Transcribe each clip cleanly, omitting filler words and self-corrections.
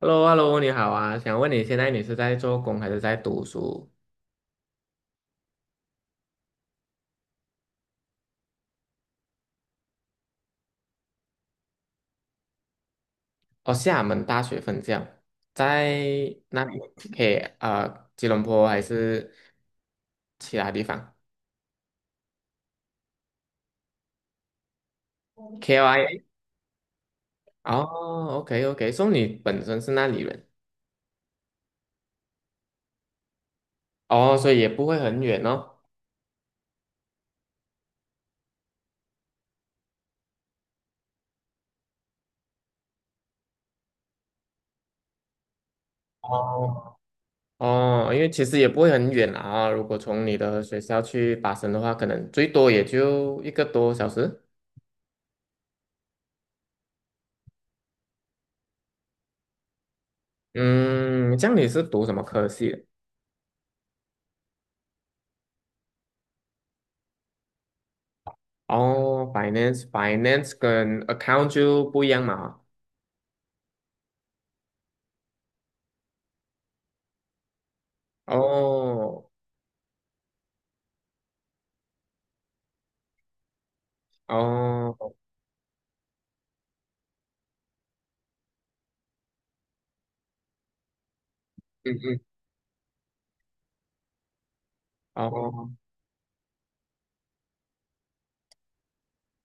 h e l l o h e l l o 你好啊，想问你现在你是在做工还是在读书？哦，厦门大学分校在那里？K 啊、吉隆坡还是其他地方。 k l i A。 哦，OK OK，所以你本身是那里人？哦，所以也不会很远哦。哦哦，因为其实也不会很远啦啊，如果从你的学校去巴生的话，可能最多也就一个多小时。嗯，这样你是读什么科系的？哦，finance 跟 account 就不一样嘛。哦哦，嗯嗯，哦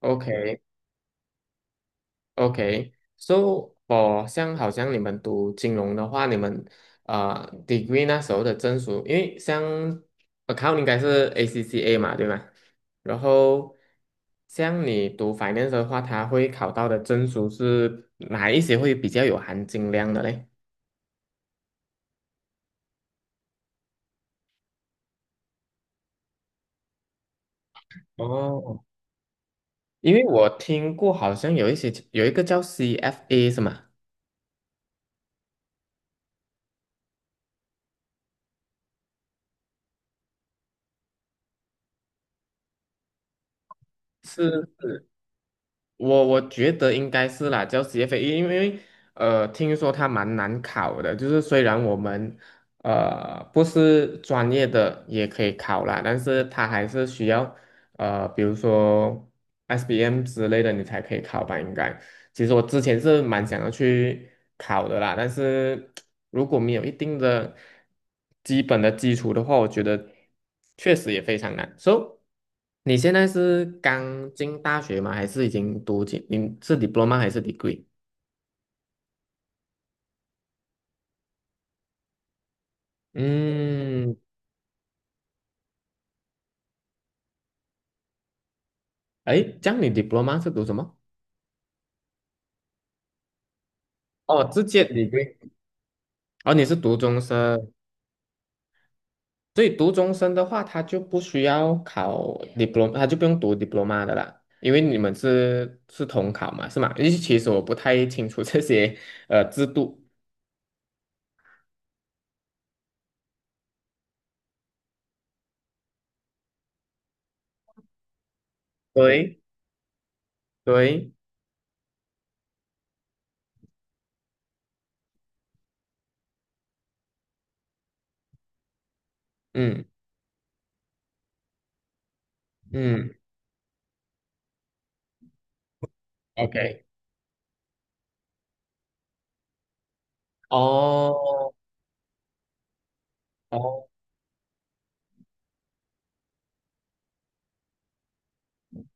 ，OK OK。So f 像好像你们读金融的话，你们degree 那时候的证书，因为像 account 应该是 ACCA 嘛，对吗？然后像你读 finance 的话，它会考到的证书是哪一些会比较有含金量的嘞？哦，因为我听过，好像有一些有一个叫 CFA 是吗？是，我觉得应该是啦，叫 CFA，因为听说它蛮难考的，就是虽然我们不是专业的也可以考啦，但是它还是需要比如说 SBM 之类的你才可以考吧，应该。其实我之前是蛮想要去考的啦，但是 如果没有一定的基本的基础的话，我觉得确实也非常难。So，你现在是刚进大学吗？还是已经读进？你是 diploma 还是 degree？嗯，哎，这样你 diploma 是读什么？哦，直接 degree。哦，你是读中生。所以读中生的话，他就不需要考 diploma，他就不用读 diploma 的啦，因为你们是统考嘛，是吗？因为其实我不太清楚这些制度。对对，嗯嗯，OK，哦哦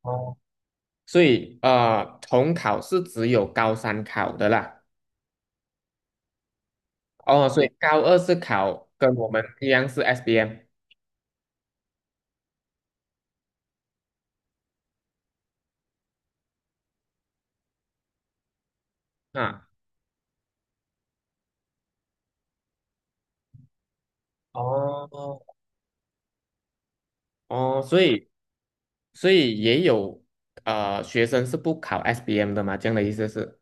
哦，所以统考是只有高三考的啦。哦，所以高二是考跟我们一样是 SBM 啊。哦哦，所以。所以也有学生是不考 SBM 的嘛？这样的意思是？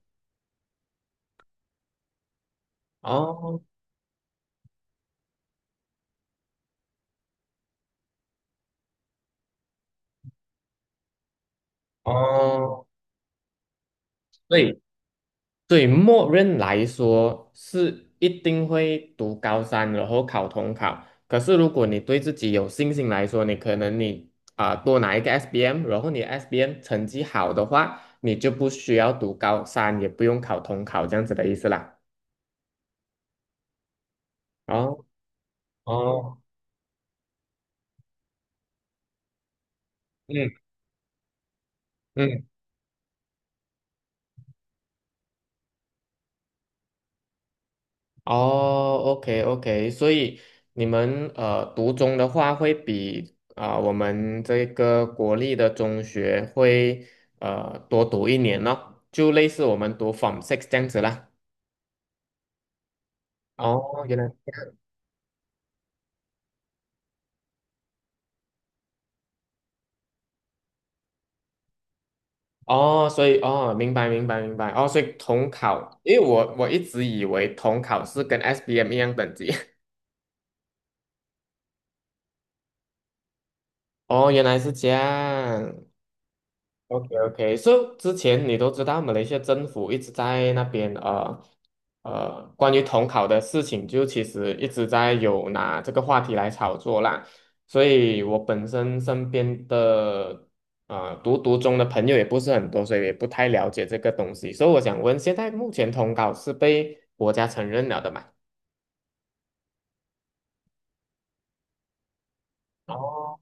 哦哦，对，对，默认来说是一定会读高三，然后考统考。可是如果你对自己有信心来说，你可能你啊、多拿一个 SBM，然后你 SBM 成绩好的话，你就不需要读高三，也不用考统考这样子的意思啦。哦哦，嗯嗯。哦，OK OK，所以你们读中的话，会比啊、我们这个国立的中学会多读一年咯，就类似我们读 Form Six 这样子啦。哦，原来，哦，所以哦，明白明白明白。哦，所以统考，因为我一直以为统考是跟 s B m 一样等级，哦，原来是这样。OK OK，so， 之前你都知道，马来西亚政府一直在那边关于统考的事情，就其实一直在有拿这个话题来炒作啦。所以我本身身边的读读中的朋友也不是很多，所以也不太了解这个东西。所以我想问，现在目前统考是被国家承认了的嘛？哦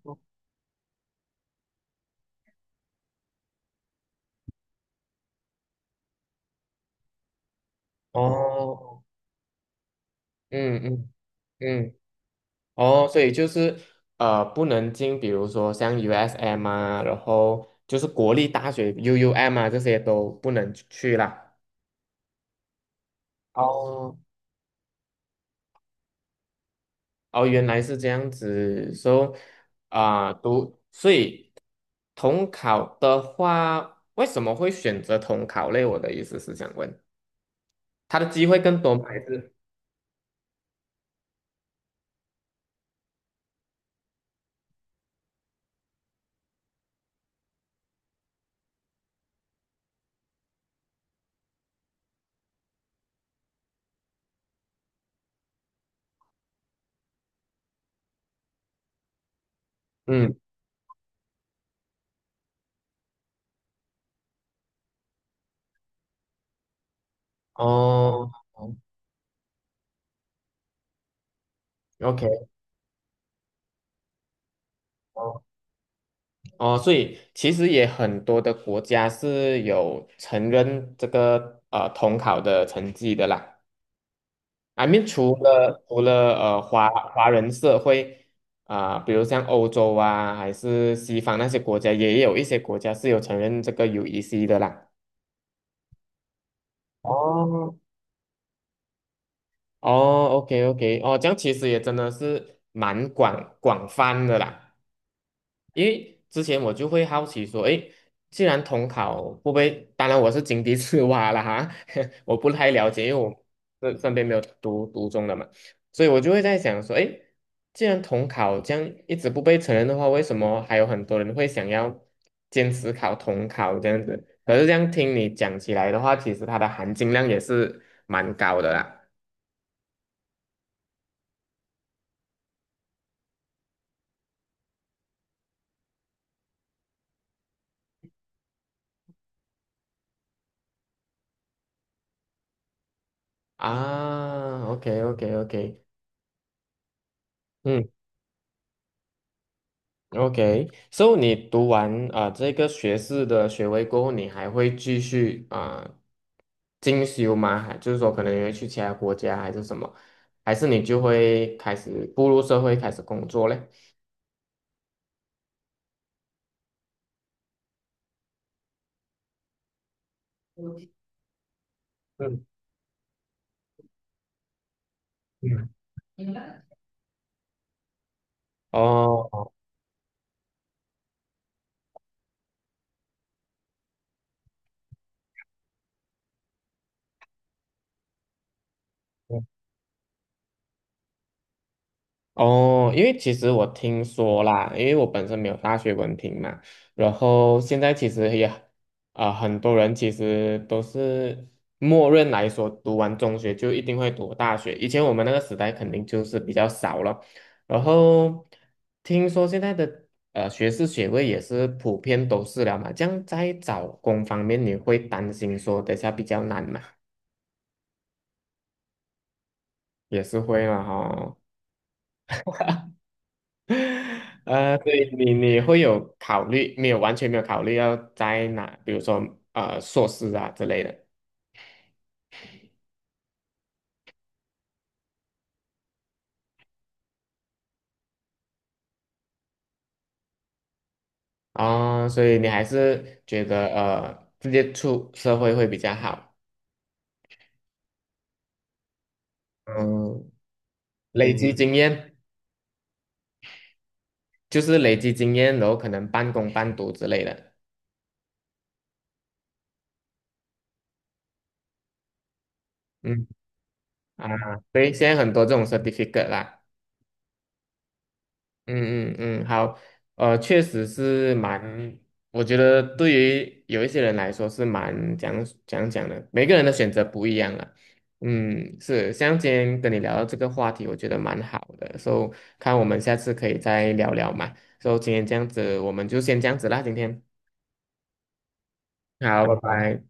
哦，嗯嗯嗯，哦，所以就是不能进，比如说像 USM 啊，然后就是国立大学 UUM 啊，这些都不能去啦。哦，哦，原来是这样子，所以啊，读，所以统考的话，为什么会选择统考类？我的意思是想问，他的机会更多吗？还是嗯，哦，OK。哦，所以其实也很多的国家是有承认这个统考的成绩的啦。I mean，除了华人社会啊、比如像欧洲啊，还是西方那些国家，也有一些国家是有承认这个 UEC 的啦。哦哦，OK OK，哦，这样其实也真的是蛮广泛的啦。因为之前我就会好奇说，诶，既然统考会不被，当然我是井底之蛙了哈，我不太了解，因为我身边没有读读中的嘛，所以我就会在想说，诶，既然统考这样一直不被承认的话，为什么还有很多人会想要坚持考统考这样子？可是这样听你讲起来的话，其实它的含金量也是蛮高的啦。啊，OK OK OK，嗯。OK，so 你读完啊、这个学士的学位过后，你还会继续啊、进修吗？还就是说，可能你会去其他国家还是什么？还是你就会开始步入社会开始工作嘞？嗯嗯，哦哦，因为其实我听说啦，因为我本身没有大学文凭嘛，然后现在其实也，啊、很多人其实都是默认来说，读完中学就一定会读大学。以前我们那个时代肯定就是比较少了，然后听说现在的学士学位也是普遍都是了嘛，这样在找工方面你会担心说等下比较难嘛？也是会嘛哈、对你会有考虑没有？完全没有考虑要在哪，比如说硕士啊之类的。啊、所以你还是觉得直接出社会会比较好。嗯，累积经验，就是累积经验，然后可能半工半读之类的。嗯啊，所以现在很多这种 certificate 啦。嗯嗯嗯，好，确实是蛮，我觉得对于有一些人来说是蛮讲的，每个人的选择不一样了。嗯，是，像今天跟你聊到这个话题，我觉得蛮好的，所以看我们下次可以再聊聊嘛。所以今天这样子，我们就先这样子啦，今天。好，拜拜。